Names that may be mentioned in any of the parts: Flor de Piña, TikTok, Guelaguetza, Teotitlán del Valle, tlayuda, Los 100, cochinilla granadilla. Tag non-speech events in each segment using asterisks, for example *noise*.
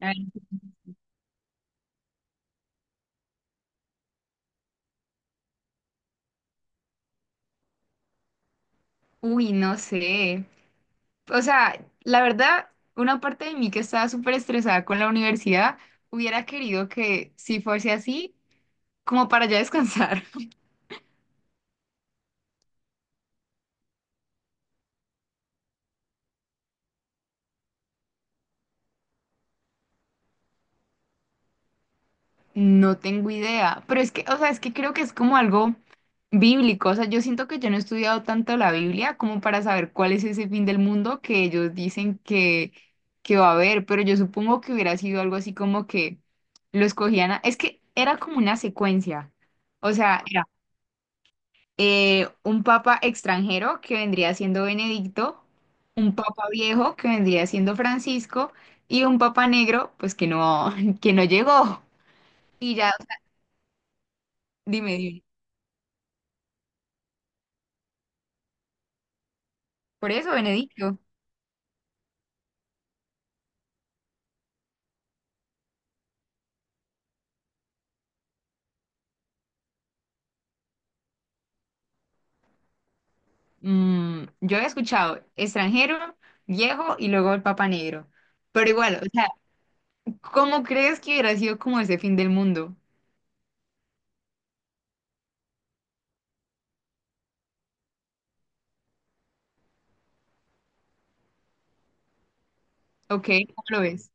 Ay, uy, no sé. O sea, la verdad, una parte de mí que estaba súper estresada con la universidad hubiera querido que si fuese así, como para ya descansar. *laughs* No tengo idea, pero es que, o sea, es que creo que es como algo bíblico. O sea, yo siento que yo no he estudiado tanto la Biblia como para saber cuál es ese fin del mundo que ellos dicen que va a haber, pero yo supongo que hubiera sido algo así como que lo escogían. Es que era como una secuencia. O sea, era un papa extranjero que vendría siendo Benedicto, un papa viejo que vendría siendo Francisco y un papa negro, pues que no, *laughs* que no llegó. Y ya, o sea, dime, dime. Por eso, Benedicto. Yo he escuchado extranjero, viejo y luego el papa negro. Pero igual, o sea, ¿cómo crees que hubiera sido como ese fin del mundo? ¿Ok? ¿Cómo lo ves?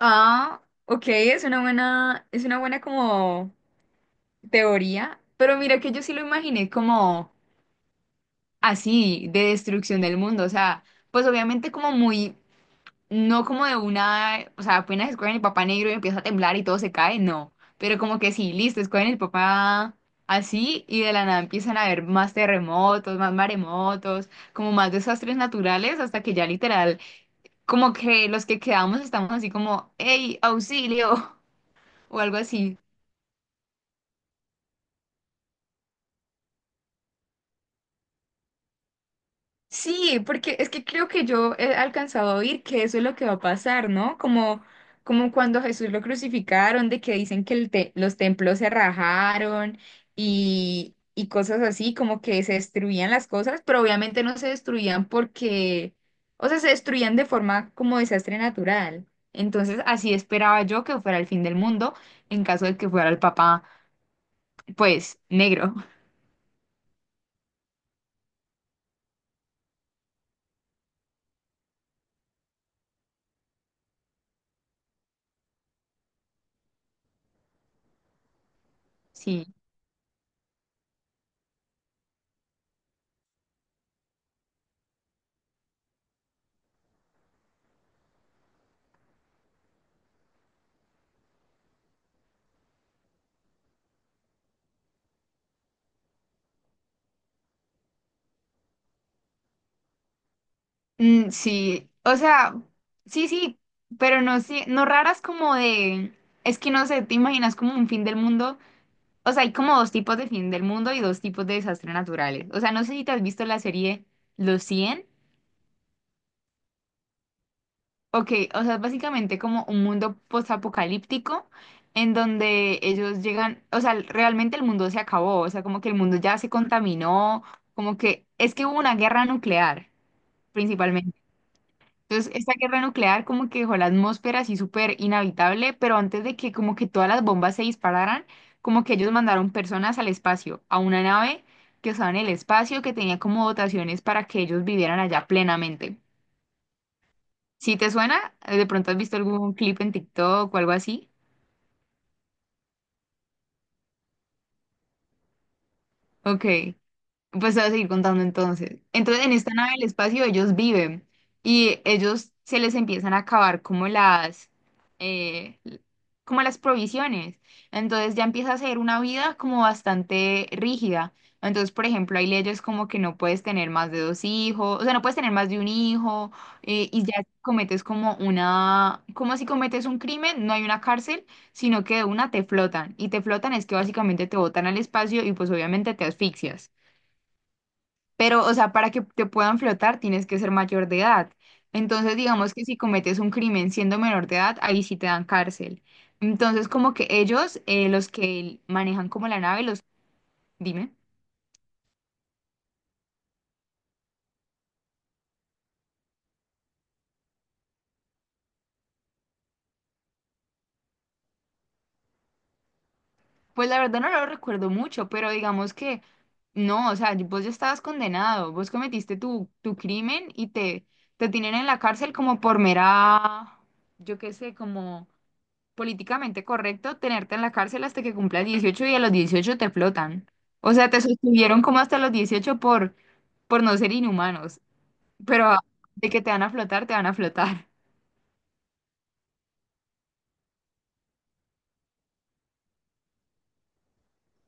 Ah, ok, es una buena como teoría, pero mira que yo sí lo imaginé como así, de destrucción del mundo. O sea, pues obviamente como muy, no como de una, o sea, apenas escogen el papá negro y empieza a temblar y todo se cae, no. Pero como que sí, listo, escogen el papá así y de la nada empiezan a haber más terremotos, más maremotos, como más desastres naturales, hasta que ya literal, como que los que quedamos estamos así como, hey, auxilio *laughs* o algo así. Sí, porque es que creo que yo he alcanzado a oír que eso es lo que va a pasar, ¿no? Como cuando Jesús lo crucificaron, de que dicen que los templos se rajaron y cosas así, como que se destruían las cosas, pero obviamente no se destruían porque, o sea, se destruían de forma como desastre natural. Entonces, así esperaba yo que fuera el fin del mundo en caso de que fuera el papá, pues, negro. *laughs* Sí. Mm, sí, o sea, sí, sí, pero no, sí, no raras como de, es que no sé, te imaginas como un fin del mundo, o sea, hay como dos tipos de fin del mundo y dos tipos de desastres naturales, o sea, no sé si te has visto la serie Los 100, ok, o sea, es básicamente como un mundo postapocalíptico en donde ellos llegan, o sea, realmente el mundo se acabó, o sea, como que el mundo ya se contaminó, como que es que hubo una guerra nuclear, principalmente. Entonces, esta guerra nuclear como que dejó la atmósfera así súper inhabitable, pero antes de que como que todas las bombas se dispararan, como que ellos mandaron personas al espacio, a una nave que estaba en el espacio, que tenía como dotaciones para que ellos vivieran allá plenamente. Si te suena, de pronto has visto algún clip en TikTok o algo así. Ok. Pues te voy a seguir contando entonces. Entonces, en esta nave del espacio ellos viven y ellos se les empiezan a acabar como las, eh, l- como las provisiones. Entonces ya empieza a ser una vida como bastante rígida. Entonces, por ejemplo, hay leyes como que no puedes tener más de dos hijos, o sea, no puedes tener más de un hijo, y ya si cometes como una, como si cometes un crimen, no hay una cárcel, sino que de una te flotan. Y te flotan es que básicamente te botan al espacio y pues obviamente te asfixias. Pero, o sea, para que te puedan flotar tienes que ser mayor de edad. Entonces, digamos que si cometes un crimen siendo menor de edad, ahí sí te dan cárcel. Entonces, como que ellos, los que manejan como la nave, los... Dime. Pues la verdad no lo recuerdo mucho, pero digamos que no, o sea, vos ya estabas condenado, vos cometiste tu crimen y te tienen en la cárcel como por mera, yo qué sé, como políticamente correcto tenerte en la cárcel hasta que cumplas 18 y a los 18 te flotan. O sea, te sostuvieron como hasta los 18 por no ser inhumanos, pero de que te van a flotar, te van a flotar.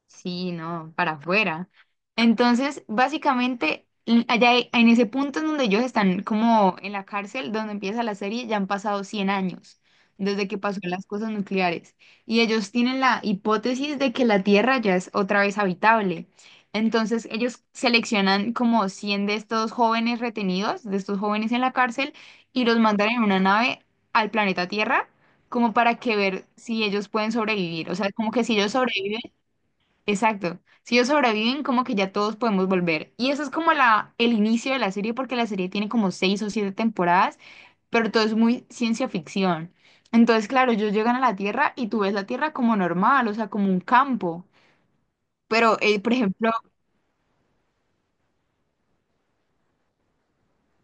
Sí, no, para afuera. Entonces, básicamente, en ese punto en donde ellos están como en la cárcel, donde empieza la serie, ya han pasado 100 años desde que pasó las cosas nucleares. Y ellos tienen la hipótesis de que la Tierra ya es otra vez habitable. Entonces, ellos seleccionan como 100 de estos jóvenes retenidos, de estos jóvenes en la cárcel, y los mandan en una nave al planeta Tierra como para que ver si ellos pueden sobrevivir. O sea, como que si ellos sobreviven. Exacto. Si ellos sobreviven, como que ya todos podemos volver. Y eso es como el inicio de la serie, porque la serie tiene como seis o siete temporadas, pero todo es muy ciencia ficción. Entonces, claro, ellos llegan a la Tierra y tú ves la Tierra como normal, o sea, como un campo. Pero, por ejemplo,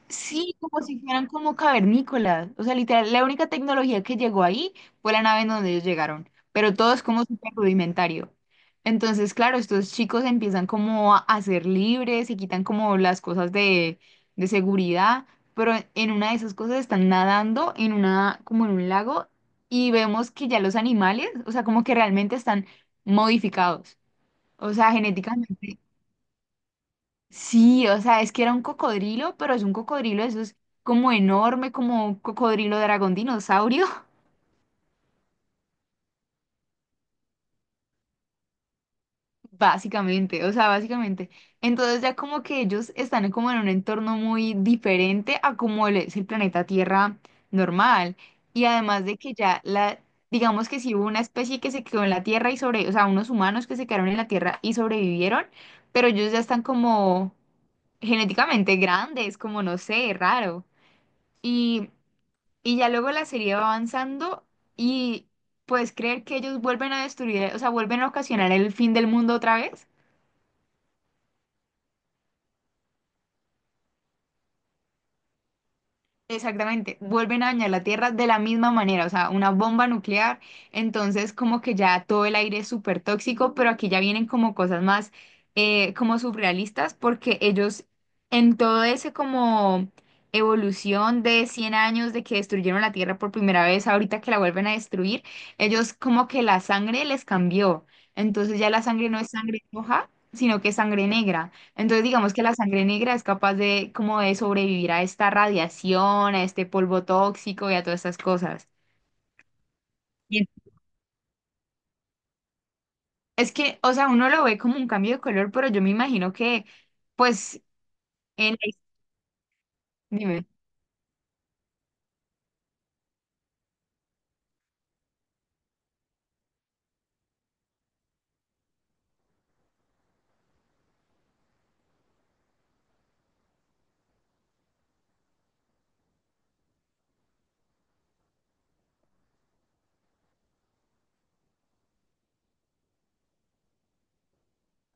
sí, como si fueran como cavernícolas. O sea, literal, la única tecnología que llegó ahí fue la nave en donde ellos llegaron, pero todo es como súper rudimentario. Entonces, claro, estos chicos empiezan como a ser libres, se quitan como las cosas de seguridad, pero en una de esas cosas están nadando como en un lago, y vemos que ya los animales, o sea, como que realmente están modificados. O sea, genéticamente. Sí, o sea, es que era un cocodrilo, pero es un cocodrilo, eso es como enorme, como un cocodrilo dragón dinosaurio, *laughs* básicamente, o sea, básicamente. Entonces ya como que ellos están como en un entorno muy diferente a como es el planeta Tierra normal. Y además de que ya digamos que si hubo una especie que se quedó en la Tierra y o sea, unos humanos que se quedaron en la Tierra y sobrevivieron, pero ellos ya están como genéticamente grandes, como no sé, raro. Y Y ya luego la serie va avanzando y puedes creer que ellos vuelven a destruir, o sea, vuelven a ocasionar el fin del mundo otra vez. Exactamente, vuelven a dañar la Tierra de la misma manera, o sea, una bomba nuclear, entonces como que ya todo el aire es súper tóxico, pero aquí ya vienen como cosas más, como surrealistas, porque ellos, en todo ese como evolución de 100 años de que destruyeron la Tierra por primera vez, ahorita que la vuelven a destruir, ellos como que la sangre les cambió, entonces ya la sangre no es sangre roja, sino que es sangre negra. Entonces, digamos que la sangre negra es capaz de como de sobrevivir a esta radiación, a este polvo tóxico y a todas estas cosas. Y Es que, o sea, uno lo ve como un cambio de color, pero yo me imagino que, pues, en la his- dime,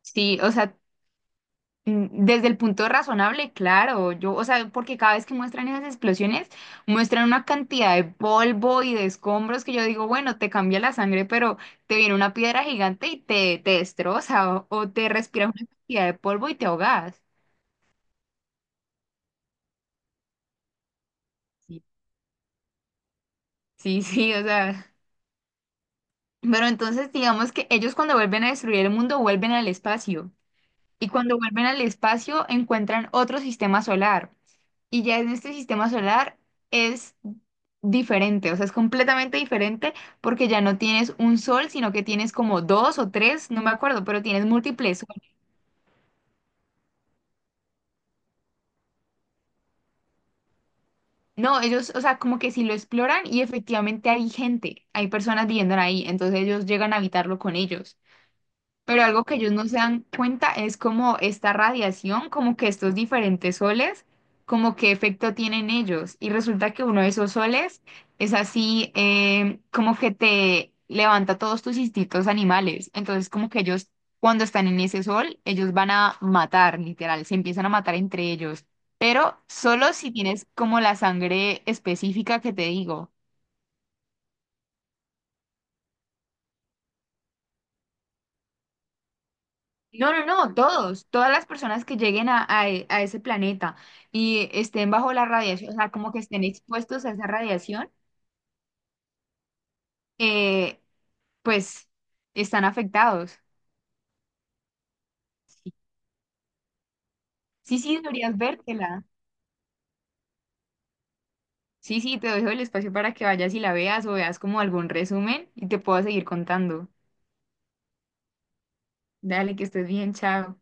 sí, o sea, desde el punto razonable, claro, yo, o sea, porque cada vez que muestran esas explosiones, muestran una cantidad de polvo y de escombros que yo digo, bueno, te cambia la sangre, pero te viene una piedra gigante y te destroza, o te respiras una cantidad de polvo y te ahogas. Sí, sí, sí, o sea, pero entonces digamos que ellos, cuando vuelven a destruir el mundo, vuelven al espacio, y cuando vuelven al espacio encuentran otro sistema solar, y ya en este sistema solar es diferente, o sea, es completamente diferente porque ya no tienes un sol, sino que tienes como dos o tres, no me acuerdo, pero tienes múltiples soles. No, ellos, o sea, como que si lo exploran y efectivamente hay gente, hay personas viviendo ahí, entonces ellos llegan a habitarlo con ellos. Pero algo que ellos no se dan cuenta es como esta radiación, como que estos diferentes soles, como qué efecto tienen ellos. Y resulta que uno de esos soles es así, como que te levanta todos tus instintos animales. Entonces, como que ellos, cuando están en ese sol, ellos van a matar, literal, se empiezan a matar entre ellos. Pero solo si tienes como la sangre específica que te digo. No, no, no, todas las personas que lleguen a ese planeta y estén bajo la radiación, o sea, como que estén expuestos a esa radiación, eh, pues están afectados. Sí, sí, sí, deberías vértela. Sí, sí, te dejo el espacio para que vayas y la veas, o veas como algún resumen, y te puedo seguir contando. Dale, que estés bien, chao.